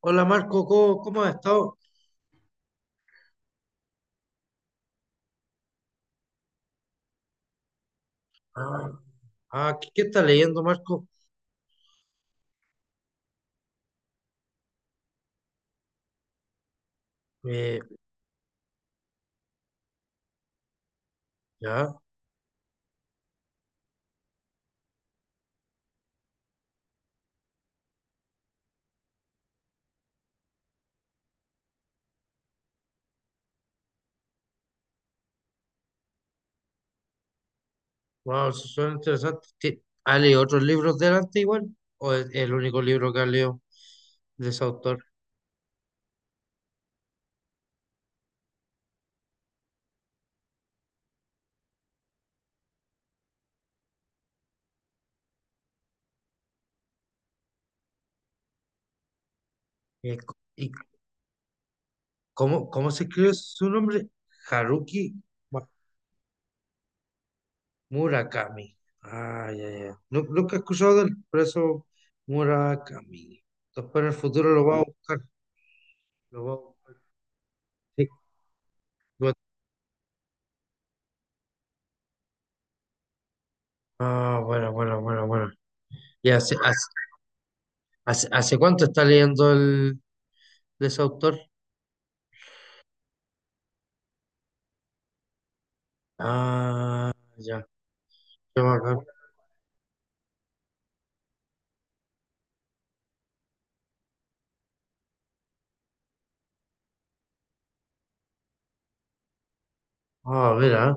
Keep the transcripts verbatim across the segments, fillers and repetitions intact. Hola Marco, ¿cómo, cómo has estado? Ah, ah, ¿qué, qué estás leyendo, Marco? Eh, ya, wow, eso suena interesante. Ti- ¿Has leído otros libros delante igual? ¿O es el único libro que has leído de ese autor? Eh, c- ¿y cómo, cómo se escribe su nombre? Haruki Mu- Murakami. Ah, ya, ya. Nu- Nunca he escuchado del preso Murakami. Después en el futuro lo voy a buscar. Lo voy a buscar. Sí. Ah, bueno, bueno, bueno, bueno. Y así, ¿Hace, hace cuánto está leyendo el, de ese autor? Ah, ya, qué bacán. Ah, a ver, ah.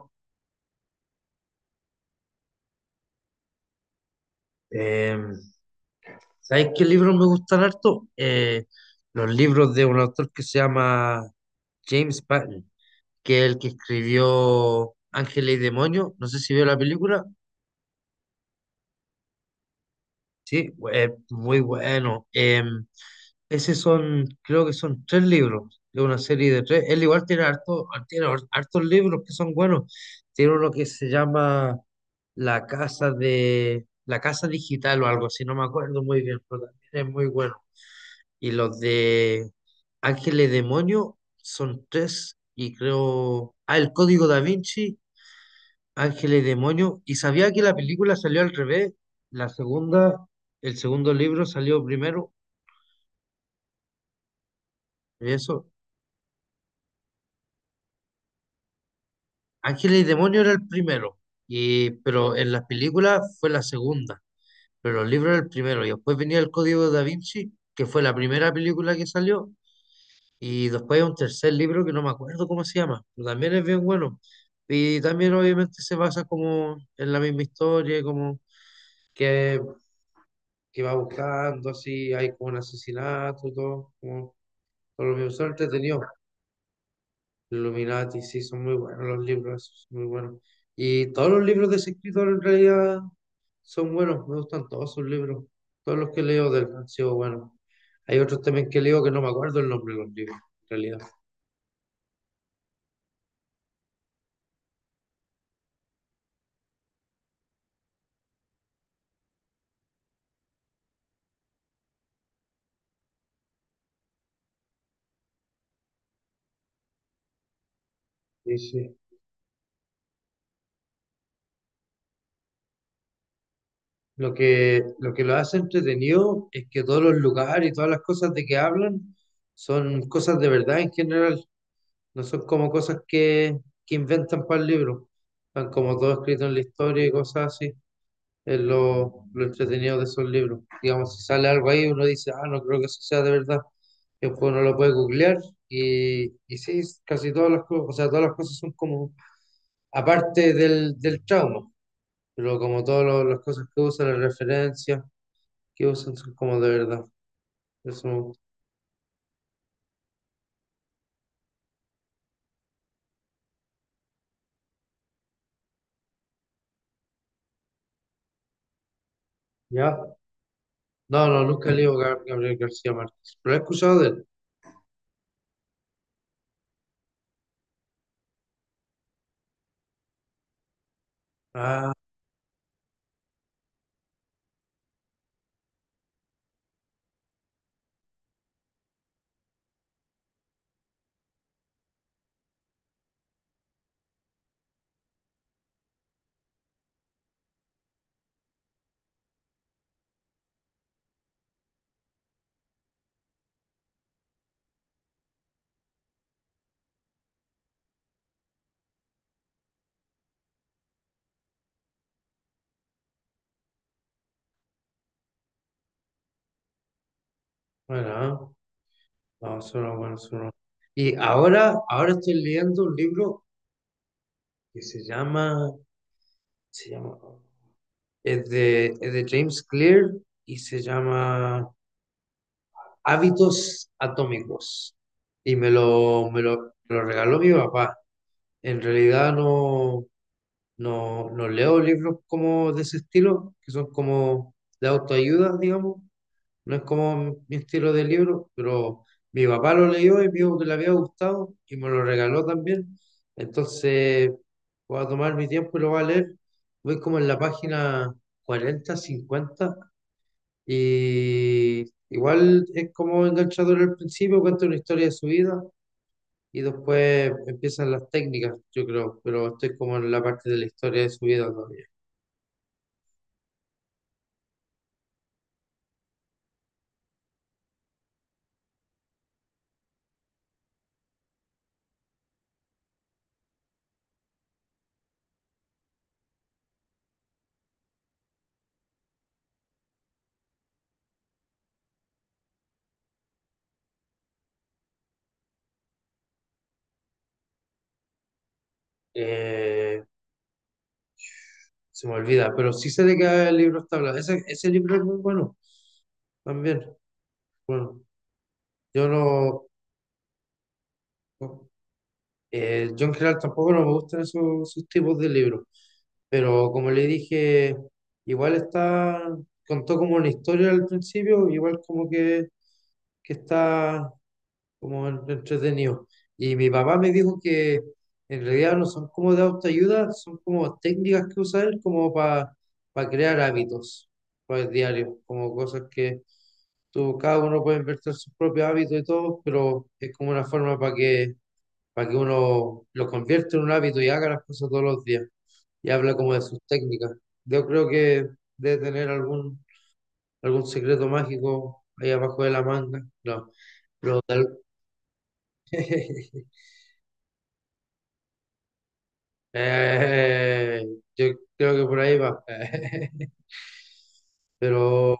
Eh, ¿sabes qué libros me gustan harto? Eh, los libros de un autor que se llama James Patton, que es el que escribió Ángeles y Demonios. No sé si vio la película. Sí, bu- eh, muy bueno. Em, Ese son, creo que son tres libros de una serie de tres. Él igual tiene harto, tiene hartos libros que son buenos. Tiene uno que se llama La Casa de, La Casa Digital o algo así, no me acuerdo muy bien, pero también es muy bueno. Y los de Ángeles Demonio son tres, y creo. Ah, el Código Da Vinci, Ángeles Demonio. Y sabía que la película salió al revés. La segunda, el segundo libro salió primero. Y eso, Ángeles y Demonios era el primero, y, pero en las películas fue la segunda, pero los libros era el primero, y después venía El Código de Da Vinci, que fue la primera película que salió, y después hay un tercer libro que no me acuerdo cómo se llama, pero también es bien bueno, y también obviamente se basa como en la misma historia, como que, que va buscando, así hay como un asesinato, y todo, como todo lo mismo, son entretenidos. Illuminati, sí, son muy buenos los libros, esos, son muy buenos. Y todos los libros de ese escritor en realidad son buenos, me gustan todos sus libros. Todos los que leo del han sido buenos. Hay otros también que leo que no me acuerdo el nombre de los libros, en realidad. Sí, sí. Lo que, lo que lo hace entretenido es que todos los lugares y todas las cosas de que hablan son cosas de verdad en general, no son como cosas que, que inventan para el libro, están como todo escrito en la historia y cosas así. Es lo, lo entretenido de esos libros. Digamos, si sale algo ahí, uno dice, ah, no creo que eso sea de verdad. Después uno lo puede googlear y, y sí, casi todas las cosas, o sea, todas las cosas son como, aparte del, del trauma, pero como todas lo- las cosas que usan, las referencias que usan son como de verdad. Eso, me gusta. ¿Ya? No, no, nunca he leído Gab- Gabriel García Márquez, pero he escuchado de él. Ah, bueno, ah. No, eso no, bueno, eso no. Y ahora, ahora estoy leyendo un libro que se llama se llama, es de, es de James Clear y se llama Hábitos Atómicos. Y me lo, me lo, me lo regaló mi papá. En realidad no, no, no leo libros como de ese estilo, que son como de autoayuda, digamos, no es como mi estilo de libro, pero mi papá lo leyó y me dijo que le había gustado y me lo regaló también. Entonces voy a tomar mi tiempo y lo voy a leer. Voy como en la página cuarenta cincuenta y igual es como enganchador al principio, cuenta una historia de su vida y después empiezan las técnicas, yo creo, pero estoy como en la parte de la historia de su vida todavía. Eh, se me olvida, pero sí sé de qué libro está hablando. Ese, ese libro es muy bueno también. Bueno, yo no, no, eh, yo en general tampoco no me gustan esos, esos tipos de libros, pero como le dije, igual está, contó como una historia al principio, igual como que, que está como en- entretenido. Y mi papá me dijo que en realidad no son como de autoayuda, son como técnicas que usa él como para crear hábitos para el diario, como cosas que tú, cada uno puede invertir sus propios hábitos y todo, pero es como una forma para que, para que uno lo convierta en un hábito y haga las cosas todos los días. Y habla como de sus técnicas. Yo creo que debe tener algún, algún secreto mágico ahí abajo de la manga. No, pero tal- Eh, yo creo que por ahí va. Pero,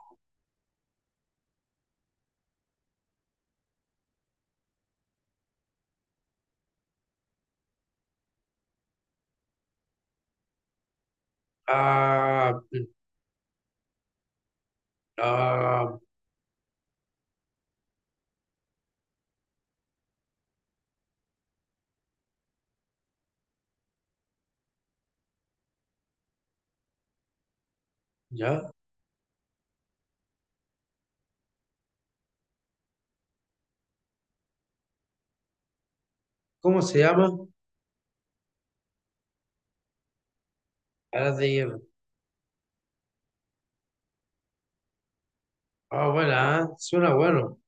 ah, ah, ya, ¿cómo se llama? Alas de hierro. Ah, bueno, ah, suena bueno.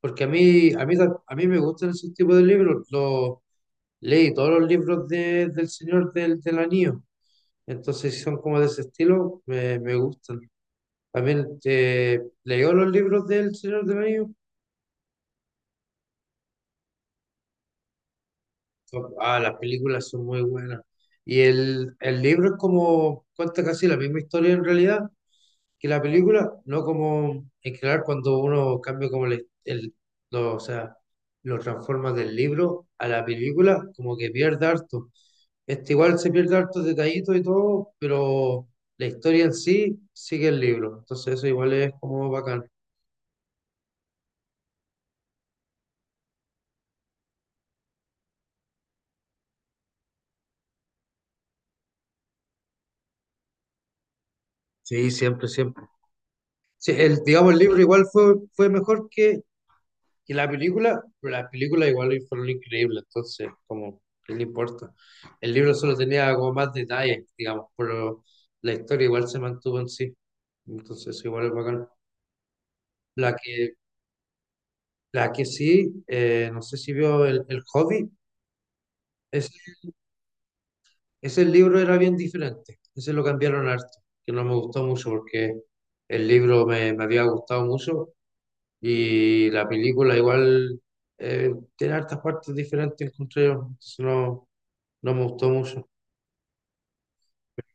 Porque a mí, a mí, ta- a mí me gustan esos tipos de libros. Los, leí todos los libros de- del Señor del, del Anillo. Entonces, si son como de ese estilo, me, me gustan. También eh, leyó los libros del Señor del Anillo. Son- Ah, las películas son muy buenas. Y el, el libro es como, cuenta casi la misma historia en realidad que la película, no como en general cuando uno cambia como el, el- lo, o sea, lo transforma del libro a la película, como que pierde harto. Este igual se pierde harto detallitos y todo, pero la historia en sí sigue el libro. Entonces eso igual es como bacán. Sí, siempre, siempre. Sí, el, digamos, el libro igual fue, fue mejor que. Y la película, las películas igual fueron increíbles, entonces, como, ¿qué le importa? El libro solo tenía como más detalles, digamos, pero la historia igual se mantuvo en sí. Entonces, eso igual es bacán. La que, la que sí, eh, no sé si vio el, el Hobbit, es, ese libro era bien diferente. Ese lo cambiaron harto, que no me gustó mucho porque el libro me, me había gustado mucho y la película igual eh, tiene hartas partes diferentes, encontré yo. Entonces, no. No me gustó mucho.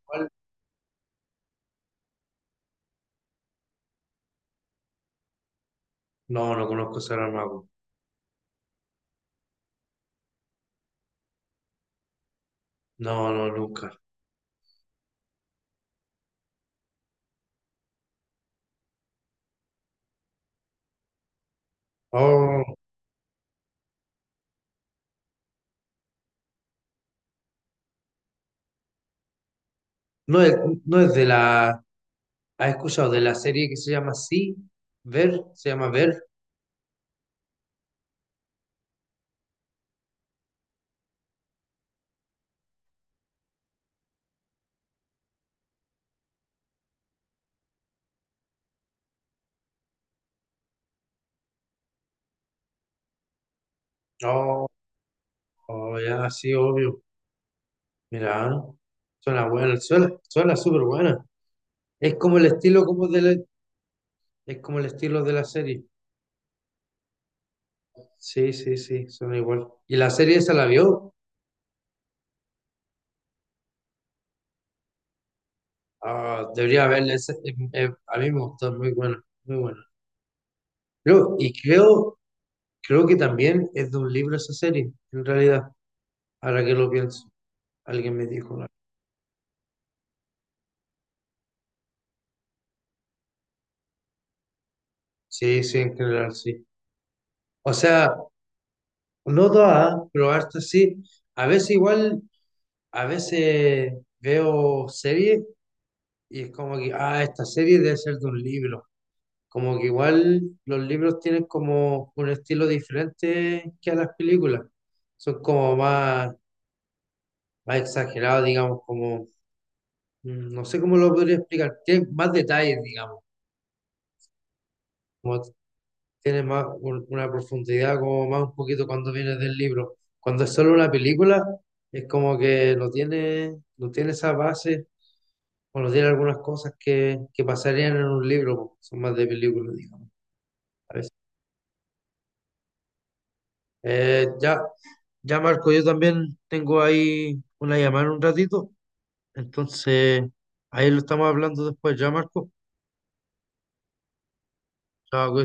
¿Cuál? No, no conozco Sarah Mago. No, no, nunca. Oh, no es, no es de la. ¿Has escuchado de la serie que se llama Sí? ¿Ver? ¿Se llama Ver? Oh, oh, ya, sí, obvio. Mira, ¿eh? Suena buena, suena, suena súper buena. Es como el estilo como de la- es como el estilo de la serie. Sí, sí, sí, suena igual. ¿Y la serie esa la vio? Ah, debería verla. Esa- eh, eh, a mí me gustó, muy buena, muy buena. Creo- y creo creo que también es de un libro esa serie, en realidad, ahora que lo pienso. Alguien me dijo, ¿no? Sí, sí, en general, sí. O sea, no todas, pero harta sí. A veces igual, a veces veo series y es como que, ah, esta serie debe ser de un libro. Como que igual los libros tienen como un estilo diferente que a las películas. Son como más, más exagerados, digamos, como, mm, no sé cómo lo podría explicar, tienen más detalles, digamos tiene más un- una profundidad, como más un poquito cuando viene del libro. Cuando es solo una película, es como que no tiene, no tiene esa base o no tiene algunas cosas que, que pasarían en un libro, po. Son más de película, digamos. A veces. Eh, ya, ya Marco, yo también tengo ahí una llamada en un ratito, entonces ahí lo estamos hablando después, ya Marco. Chao, cuídate.